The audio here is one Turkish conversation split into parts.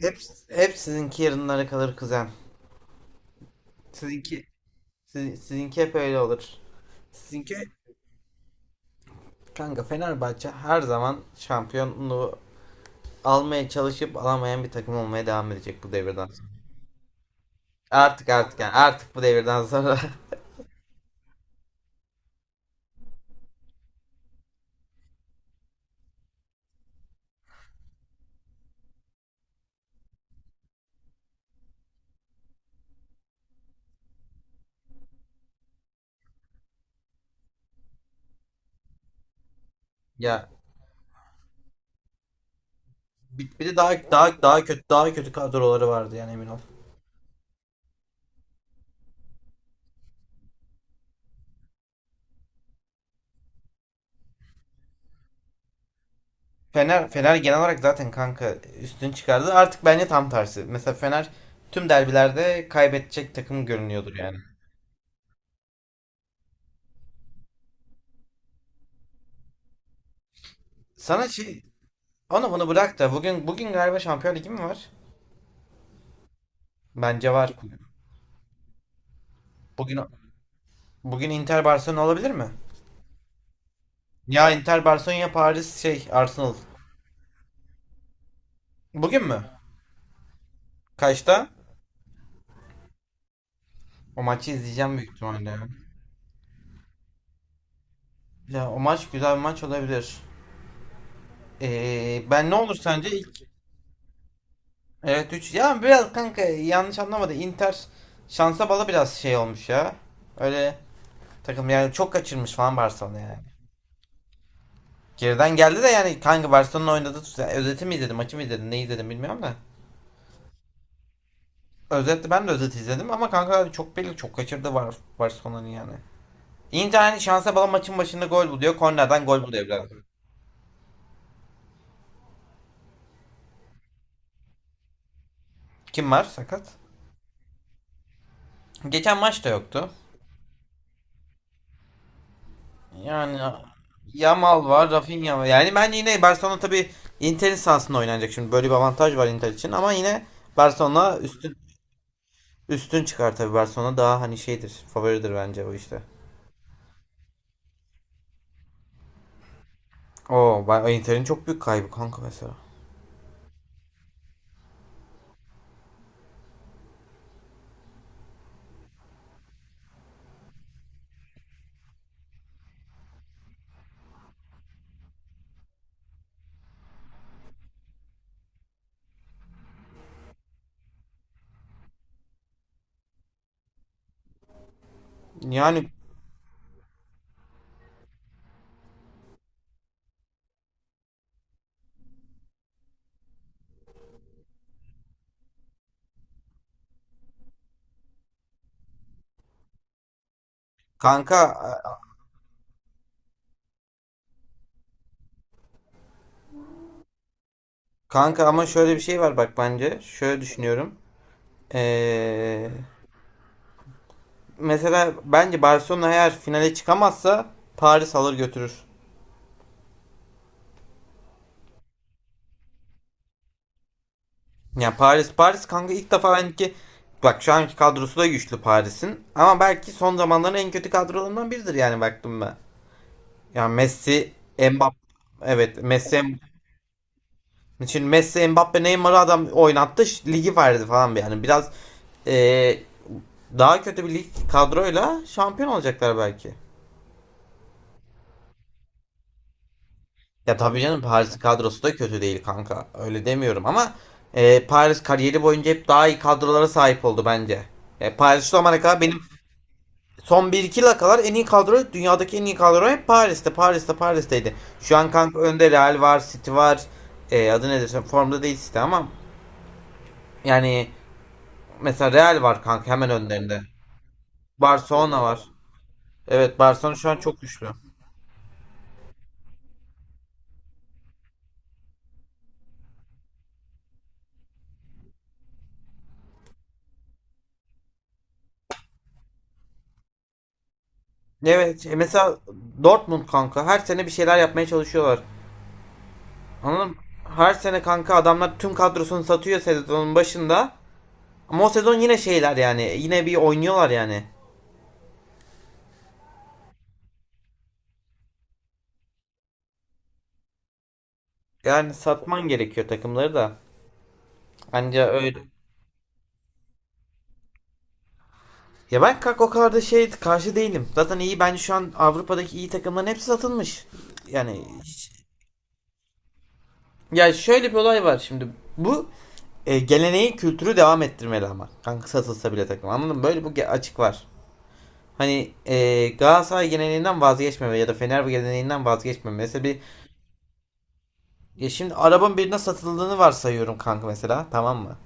Hep, hep sizinki yarınlara kalır kuzen. Sizinki, sizinki hep öyle olur. Sizinki kanka Fenerbahçe her zaman şampiyonluğu almaya çalışıp alamayan bir takım olmaya devam edecek bu devirden sonra. Artık yani artık bu devirden sonra. Ya bir de daha kötü kadroları vardı yani emin ol. Fener genel olarak zaten kanka üstün çıkardı. Artık bence tam tersi. Mesela Fener tüm derbilerde kaybedecek takım görünüyordur yani. Sana şey. Onu bunu bırak da bugün galiba Şampiyon Ligi mi var? Bence var. Bugün bugün Inter Barcelona olabilir mi? Ya Inter Barcelona ya Paris şey Arsenal. Bugün mü? Kaçta? O maçı izleyeceğim büyük ihtimalle. Ya o maç güzel bir maç olabilir. Ben ne olur sence ilk evet 3 ya biraz kanka yanlış anlamadı. Inter şansa bala biraz şey olmuş ya. Öyle takım yani çok kaçırmış falan Barcelona yani. Geriden geldi de yani kanka Barcelona'nın oynadığı tut- yani özeti mi izledim, maçı mı izledim, ne izledim bilmiyorum da. Özetle ben de özeti izledim ama kanka çok belli çok kaçırdı var Barcelona'nın yani. Inter hani şansa bala maçın başında gol buluyor. Kornerden gol buluyor biraz. Kim var sakat? Geçen maç da yoktu. Yani Yamal var, Rafinha var. Yani ben yine Barcelona tabii Inter'in sahasında oynanacak şimdi. Böyle bir avantaj var Inter için ama yine Barcelona üstün çıkar tabii. Barcelona daha hani şeydir, favoridir bence o işte. Oo, Inter'in çok büyük kaybı kanka mesela. Yani kanka. Kanka ama şöyle bir şey var bak bence. Şöyle düşünüyorum. Ee, mesela bence Barcelona eğer finale çıkamazsa Paris alır götürür. Ya yani Paris kanka ilk defa belki bak şu anki kadrosu da güçlü Paris'in ama belki son zamanların en kötü kadrolarından biridir yani baktım ben. Yani Messi, Mbappe, evet Messi için Messi, Mbappe, Neymar'ı adam oynattı ş- ligi verdi falan bir yani biraz ee, daha kötü bir lig kadroyla şampiyon olacaklar belki. Ya tabii canım Paris'in kadrosu da kötü değil kanka. Öyle demiyorum ama Paris kariyeri boyunca hep daha iyi kadrolara sahip oldu bence. Paris şu zamana kadar benim son bir iki yıla kadar en iyi kadro, dünyadaki en iyi kadro hep Paris'teydi. Şu an kanka önde Real var, City var. Adı nedir? Formda değil City ama yani mesela Real var kanka hemen önlerinde. Barcelona var. Evet, Barcelona şu an çok güçlü. Evet, mesela Dortmund kanka her sene bir şeyler yapmaya çalışıyorlar. Anladım. Her sene kanka adamlar tüm kadrosunu satıyor sezonun başında. Ama o sezon yine şeyler yani. Yine bir oynuyorlar yani. Yani satman gerekiyor takımları da. Anca öyle. Ya ben kanka o kadar da şey karşı değilim. Zaten iyi bence şu an Avrupa'daki iyi takımların hepsi satılmış. Yani, ya şöyle bir olay var şimdi. Bu geleneği kültürü devam ettirmeli ama. Kanka satılsa bile takım anladın mı? Böyle bu açık var. Hani, Galatasaray geleneğinden vazgeçmeme ya da Fener geleneğinden vazgeçmeme. Mesela bir, ya şimdi arabanın birine satıldığını varsayıyorum kanka mesela, tamam mı?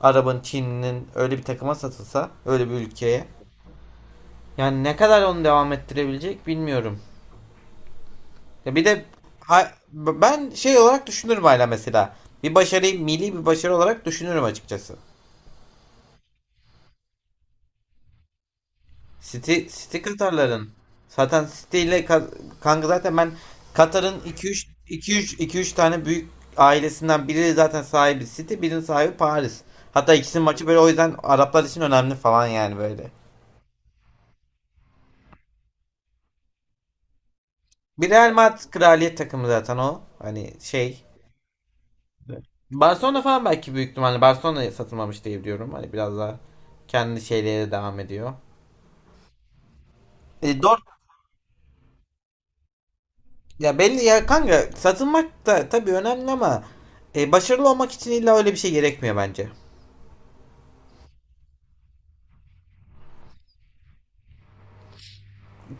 Arabanın Çin'in öyle bir takıma satılsa, öyle bir ülkeye. Yani ne kadar onu devam ettirebilecek bilmiyorum. Ya bir de ben şey olarak düşünürüm hala mesela. Bir başarıyı milli bir başarı olarak düşünürüm açıkçası. City Katarların. Zaten City ile kanka zaten ben Katar'ın 2-3 tane büyük ailesinden biri zaten sahibi City, birinin sahibi Paris. Hatta ikisinin maçı böyle, o yüzden Araplar için önemli falan yani böyle. Bir Real Madrid kraliyet takımı zaten o. Hani şey. Barcelona falan belki büyük ihtimalle Barcelona'ya satılmamış diye biliyorum. Hani biraz daha kendi şeylere devam ediyor. E, Dort Ya belli ya kanka satılmak da tabii önemli ama başarılı olmak için illa öyle bir şey gerekmiyor bence.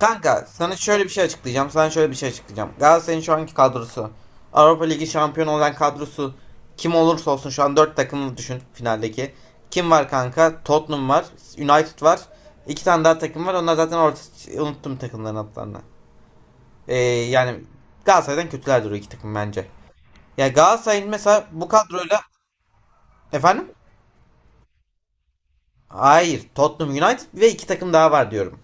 Kanka sana şöyle bir şey açıklayacağım. Sana şöyle bir şey açıklayacağım. Galatasaray'ın şu anki kadrosu. Avrupa Ligi şampiyonu olan kadrosu. Kim olursa olsun şu an 4 takımı düşün finaldeki. Kim var kanka? Tottenham var. United var. İki tane daha takım var. Onlar zaten orta, unuttum takımların adlarını. Yani Galatasaray'dan kötüler duruyor iki takım bence. Ya Galatasaray'ın mesela bu kadroyla, efendim? Hayır. Tottenham, United ve iki takım daha var diyorum.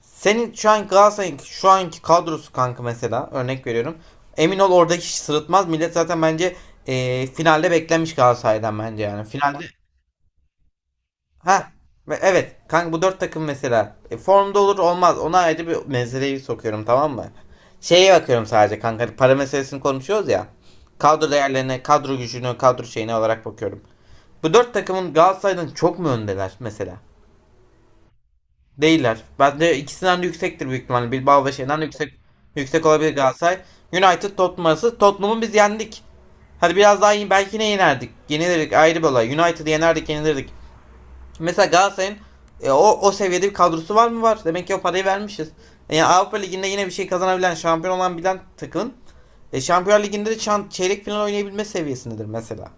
Senin şu an Galatasaray'ın şu anki kadrosu kanka mesela, örnek veriyorum. Emin ol oradaki hiç sırıtmaz. Millet zaten bence finalde beklenmiş Galatasaray'dan bence yani. Finalde ha, ve evet kanka bu dört takım mesela, formda olur olmaz. Ona ayrı bir meseleyi sokuyorum, tamam mı? Şeye bakıyorum sadece kanka, hani para meselesini konuşuyoruz ya. Kadro değerlerine, kadro gücünü, kadro şeyine olarak bakıyorum. Bu dört takımın Galatasaray'dan çok mu öndeler mesela? Değiller. Bence ikisinden de yüksektir büyük ihtimalle. Bilbao ve şeyden yüksek olabilir Galatasaray. United Tottenham arası. Tottenham'ı biz yendik. Hadi biraz daha iyi. Belki ne yenerdik. Yenilirdik, ayrı bir olay. United'ı yenerdik yenilirdik. Mesela Galatasaray'ın o seviyede bir kadrosu var mı? Var. Demek ki o parayı vermişiz. Yani Avrupa Ligi'nde yine bir şey kazanabilen, şampiyon olan bilen takım. Şampiyonlar Ligi'nde de çeyrek final oynayabilme seviyesindedir mesela.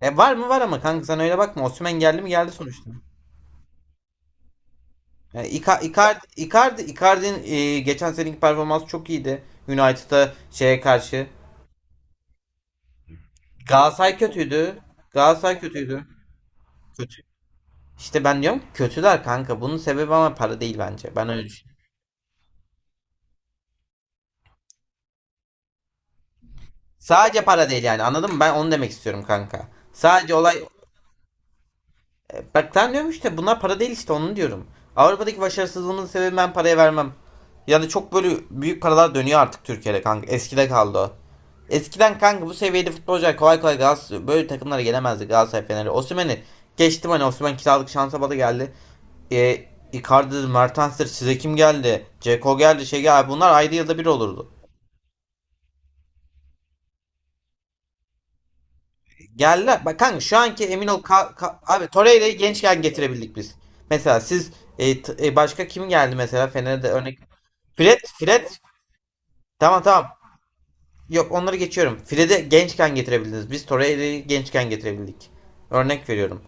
Var mı? Var ama kanka sen öyle bakma. Osimhen geldi mi? Geldi sonuçta. Yani Icardi'nin geçen seneki performansı çok iyiydi. United'a, şeye karşı. Galatasaray kötüydü. Galatasaray kötüydü. Kötü. İşte ben diyorum ki kötüler kanka. Bunun sebebi ama para değil bence. Ben öyle düşünüyorum. Sadece para değil yani, anladın mı? Ben onu demek istiyorum kanka. Sadece olay. Bak sen diyorum işte bunlar para değil, işte onu diyorum. Avrupa'daki başarısızlığımın sebebi ben paraya vermem. Ya da çok böyle büyük paralar dönüyor artık Türkiye'de kanka. Eskide kaldı o. Eskiden kanka bu seviyede futbolcular kolay kolay Galatasaray böyle takımlara gelemezdi, Galatasaray Fener'i. Osimhen'i geçtim hani, Osimhen kiralık şansa bala geldi. E, Icardi, Mertens'tir, size kim geldi? Ceko geldi, şey geldi. Bunlar ayda yılda bir olurdu. Geldiler. Bak kanka şu anki emin ol, abi Torreira'yı gençken getirebildik biz. Mesela siz, başka kim geldi mesela Fener'de örnek. Fred tamam, tamam. Yok, onları geçiyorum. Fred'i gençken getirebildiniz. Biz Torreira'yı gençken getirebildik. Örnek veriyorum.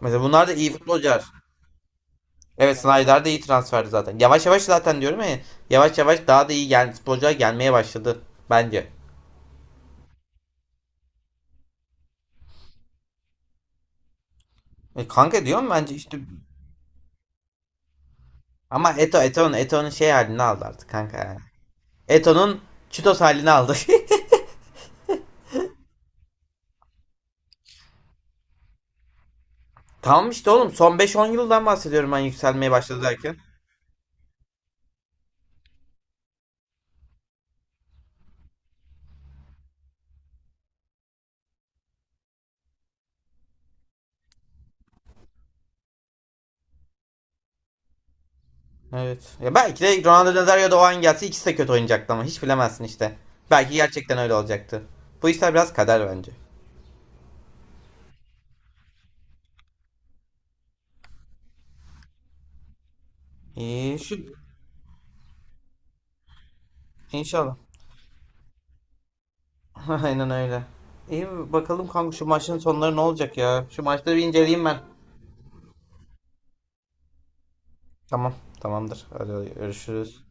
Mesela bunlar da iyi futbolcular. Evet, Snyder de iyi transferdi zaten. Yavaş yavaş zaten diyorum ya. Yavaş yavaş daha da iyi gel futbolcular gelmeye başladı bence. Kanka diyorum bence işte, ama Eto'nun şey halini aldı artık kanka yani. Eto'nun Çitos halini aldı. Tamam işte oğlum son beş on yıldan bahsediyorum ben, yükselmeye başladı derken. Evet. Ya belki de Ronaldo Nazario da o an gelse ikisi de kötü oynayacaktı, ama hiç bilemezsin işte. Belki gerçekten öyle olacaktı. Bu işler biraz kader bence. İyi şu, inşallah. Aynen öyle. İyi, bakalım kanka şu maçın sonları ne olacak ya. Şu maçları bir inceleyeyim ben. Tamam, tamamdır. Hadi görüşürüz.